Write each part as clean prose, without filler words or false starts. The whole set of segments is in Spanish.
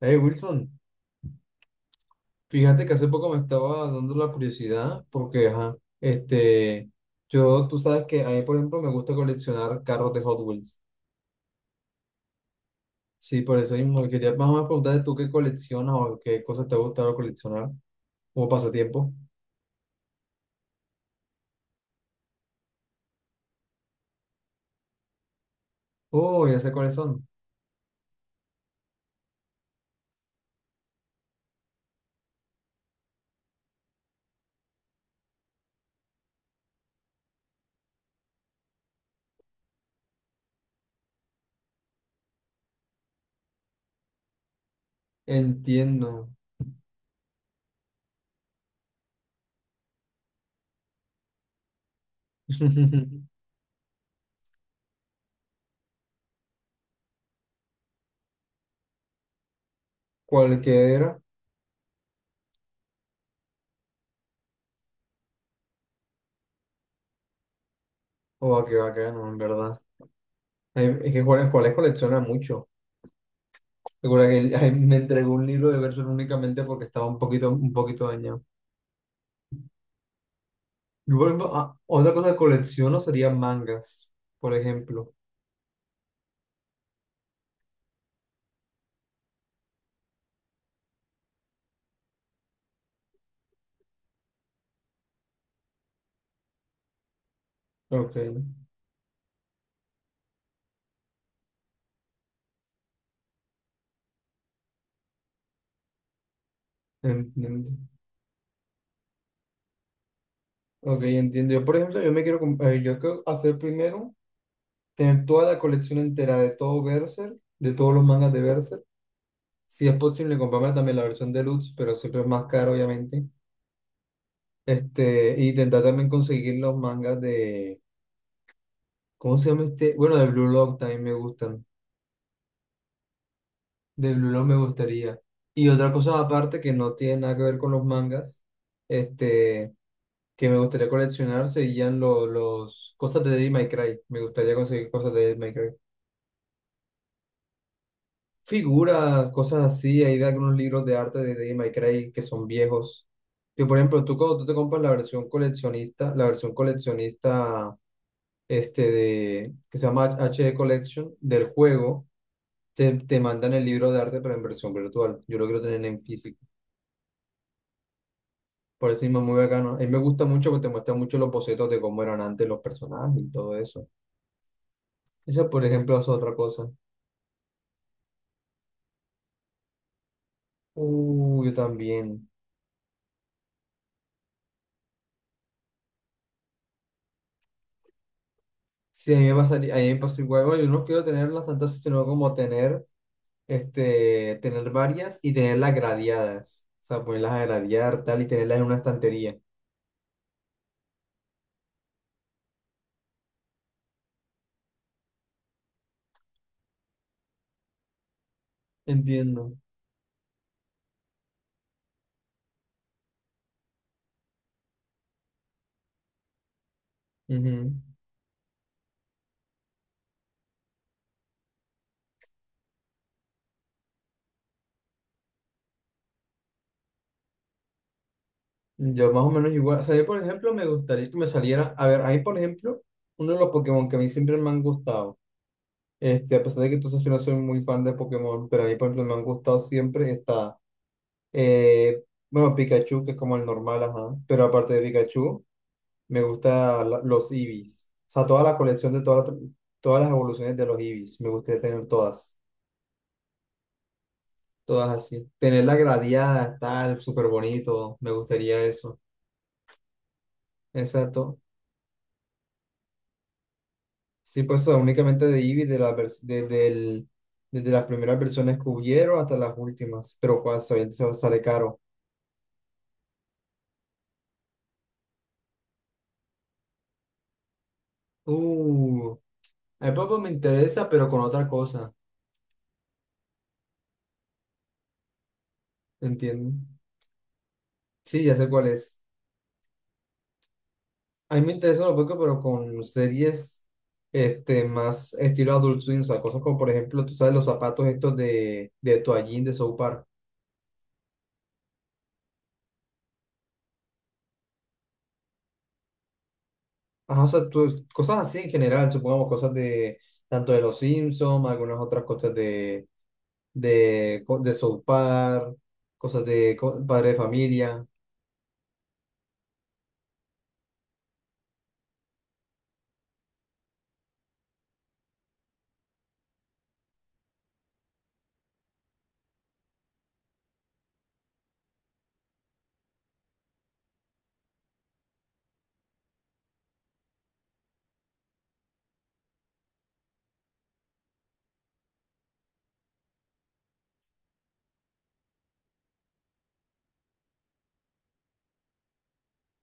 Hey Wilson, fíjate que hace poco me estaba dando la curiosidad porque, ajá, yo, tú sabes que a mí, por ejemplo, me gusta coleccionar carros de Hot Wheels. Sí, por eso mismo, y quería más o menos preguntarte tú qué coleccionas o qué cosas te ha gustado coleccionar como pasatiempo. Oh, ya sé cuáles son. Entiendo. Cualquiera. Oh, qué bacano, en verdad. Hay- Es que Juárez colecciona mucho. Recuerda que él- me entregó un libro de versos únicamente porque estaba un poquito dañado. Yo, por ejemplo, ah, otra cosa que colecciono serían mangas, por ejemplo. Ok, entiendo. Ok, entiendo. Yo, por ejemplo, yo me quiero, comp- yo quiero hacer primero, tener toda la colección entera de todo Berserk, de todos los mangas de Berserk. Si es posible, comprarme también la versión deluxe, pero siempre es más caro, obviamente. Este, y intentar también conseguir los mangas de, ¿cómo se llama este? Bueno, de Blue Lock también me gustan. De Blue Lock me gustaría. Y otra cosa aparte que no tiene nada que ver con los mangas, este, que me gustaría coleccionar serían los cosas de Devil May Cry. Me gustaría conseguir cosas de Devil May Cry. Figuras, cosas así. Hay de algunos libros de arte de Devil May Cry que son viejos. Que por ejemplo, tú cuando tú te compras la versión coleccionista este de, que se llama HD Collection del juego, te mandan el libro de arte pero en versión virtual. Yo lo quiero tener en físico. Por eso mismo es muy bacano. A mí me gusta mucho porque te muestra mucho los bocetos de cómo eran antes los personajes y todo eso. Esa, por ejemplo, es otra cosa. Yo también. Sí, a mí me pasaría, a mí me pasó igual. Bueno, yo no quiero tenerlas tantas, sino como tener, este, tener varias y tenerlas gradeadas. O sea, ponerlas a gradear, tal, y tenerlas en una estantería. Entiendo. Ujú. Yo más o menos igual. O sea, yo, por ejemplo, me gustaría que me saliera. A ver, ahí, por ejemplo, uno de los Pokémon que a mí siempre me han gustado. Este, a pesar de que tú sabes que no soy muy fan de Pokémon, pero a mí, por ejemplo, me han gustado siempre. Está, eh, bueno, Pikachu, que es como el normal, ajá. Pero aparte de Pikachu. Me gusta la- los Eevees. O sea, toda la colección de todas las evoluciones de los Eevees. Me gustaría tener todas. Todas así. Tenerla gradeada, tal, súper bonito. Me gustaría eso. Exacto. Sí, pues o sea, únicamente de Eevee, de la vers- desde el- desde las primeras versiones que hubieron hasta las últimas. Pero pues, obviamente se sale caro. Uh, a mí, papá me interesa, pero con otra cosa. ¿Entienden? Sí, ya sé cuál es. A mí me interesa un poco, pero con series este, más estilo Adult Swim, o sea, cosas como, por ejemplo, tú sabes, los zapatos estos de toallín de South Park. Ajá, o sea, tú- cosas así en general, supongamos cosas de tanto de los Simpsons, algunas otras cosas de, co- de South Park, cosas de co- padre de familia.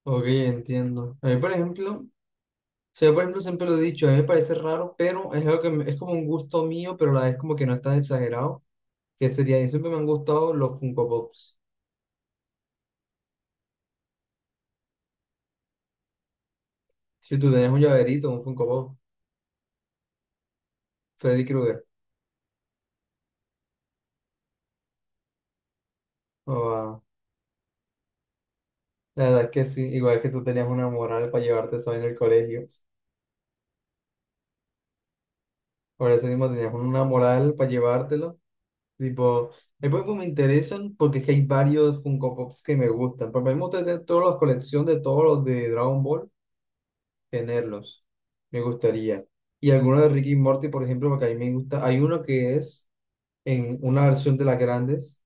Ok, entiendo. A mí, por ejemplo, o sea, yo, por ejemplo, siempre lo he dicho, a mí me parece raro, pero es algo que me- es como un gusto mío, pero a la vez como que no está exagerado. Que sería, y siempre me han gustado los Funko Pops. Si tú tenías un llaverito, un Funko Pop, Freddy Krueger. Oh, la verdad es que sí, igual que tú tenías una moral para llevarte eso en el colegio. Por eso mismo tenías una moral para llevártelo. Tipo, después pues me interesan porque es que hay varios Funko Pops que me gustan. Por ejemplo, mí me tener todas las colecciones de todos los de Dragon Ball, tenerlos. Me gustaría. Y algunos de Ricky y Morty, por ejemplo, porque a mí me gusta. Hay uno que es en una versión de las grandes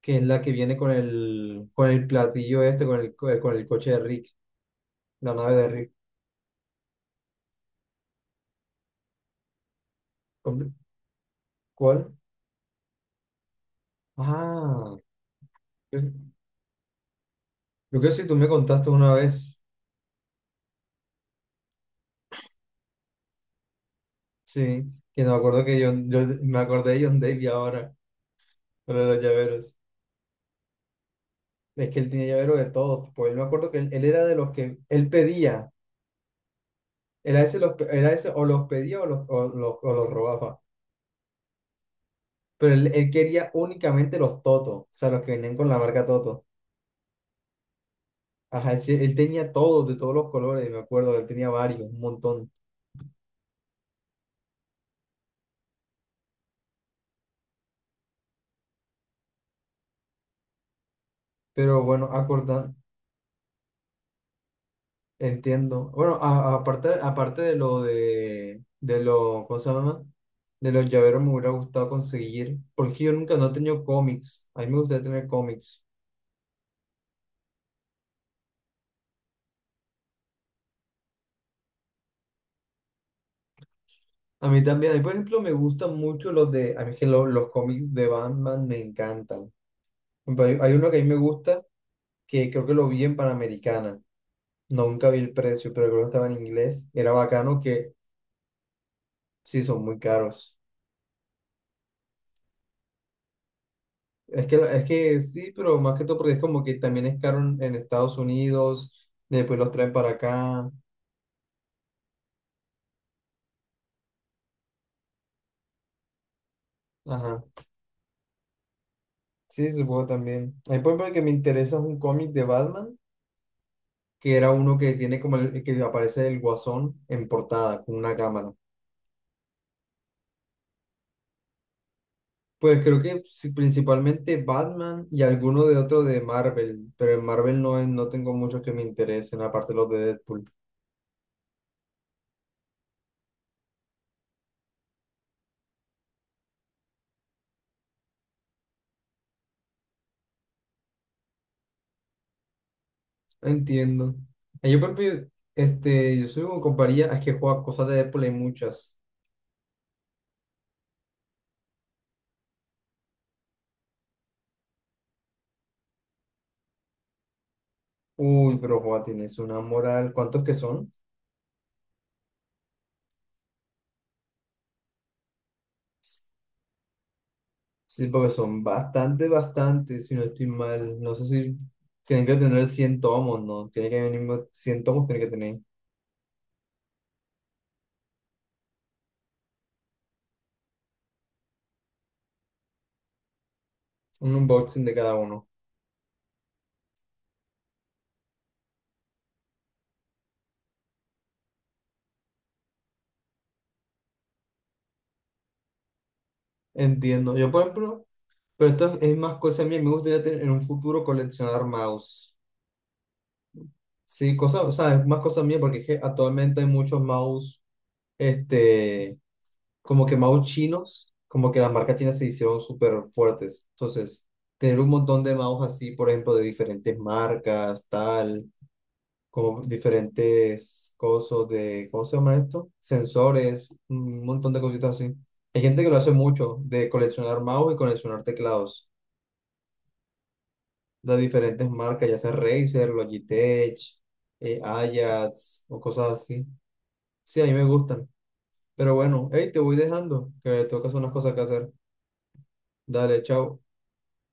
que es la que viene con el platillo este, con el, co- con el coche de Rick, la nave de Rick. ¿Con- ¿Cuál? Ah, yo creo que si tú me contaste una vez, sí, que no me acuerdo que John, yo me acordé de John Davy ahora, con lo de los llaveros. Es que él tiene llaveros de todo, pues yo me acuerdo que él era de los que, él pedía, era ese, los, pe- era ese o los pedía o los, o los, o los robaba, pero él quería únicamente los Toto, o sea, los que venían con la marca Toto. Ajá, él, sí- él tenía todos, de todos los colores, me acuerdo, él tenía varios, un montón. Pero bueno, acordan, entiendo. Bueno, a- aparte, aparte de lo, ¿cómo se llama? De los llaveros me hubiera gustado conseguir, porque yo nunca no he tenido cómics. A mí me gustaría tener cómics. A mí también, a mí por ejemplo me gustan mucho los de, a mí es que lo- los, cómics de Batman me encantan. Por ejemplo, hay uno que a mí me gusta, que creo que lo vi en Panamericana. Nunca vi el precio, pero creo que estaba en inglés. Era bacano que sí, son muy caros. Es que sí, pero más que todo porque es como que también es caro en Estados Unidos, después los traen para acá. Ajá. Sí, supongo también. Hay por ejemplo, el que me interesa es un cómic de Batman, que era uno que tiene como el, que aparece el Guasón en portada con una cámara. Pues creo que sí, principalmente Batman y alguno de otro de Marvel, pero en Marvel no, es- no tengo muchos que me interesen, aparte los de Deadpool. Entiendo. Yo, por ejemplo, este, yo soy como con varias, es que juega cosas de Apple hay muchas. Uy, pero juega, tienes una moral. ¿Cuántos que son? Sí, porque son bastante, bastante, si no estoy mal. No sé si tienen que tener 100 tomos, ¿no? Tiene que venir 100 tomos, tiene que tener un unboxing de cada uno. Entiendo. Yo, por ejemplo, pero esto es más cosa mía. Me gustaría tener en un futuro coleccionar mouse. Sí, cosas, o sea, es más cosa mía porque es que actualmente hay muchos mouse, este como que mouse chinos, como que las marcas chinas se hicieron súper fuertes. Entonces, tener un montón de mouse así, por ejemplo, de diferentes marcas, tal, como diferentes cosas de, ¿cómo se llama esto? Sensores, un montón de cositas así. Hay gente que lo hace mucho, de coleccionar mouse y coleccionar teclados de diferentes marcas, ya sea Razer, Logitech, Ajax o cosas así. Sí, a mí me gustan. Pero bueno, hey, te voy dejando, que tengo que hacer unas cosas que hacer. Dale, chao.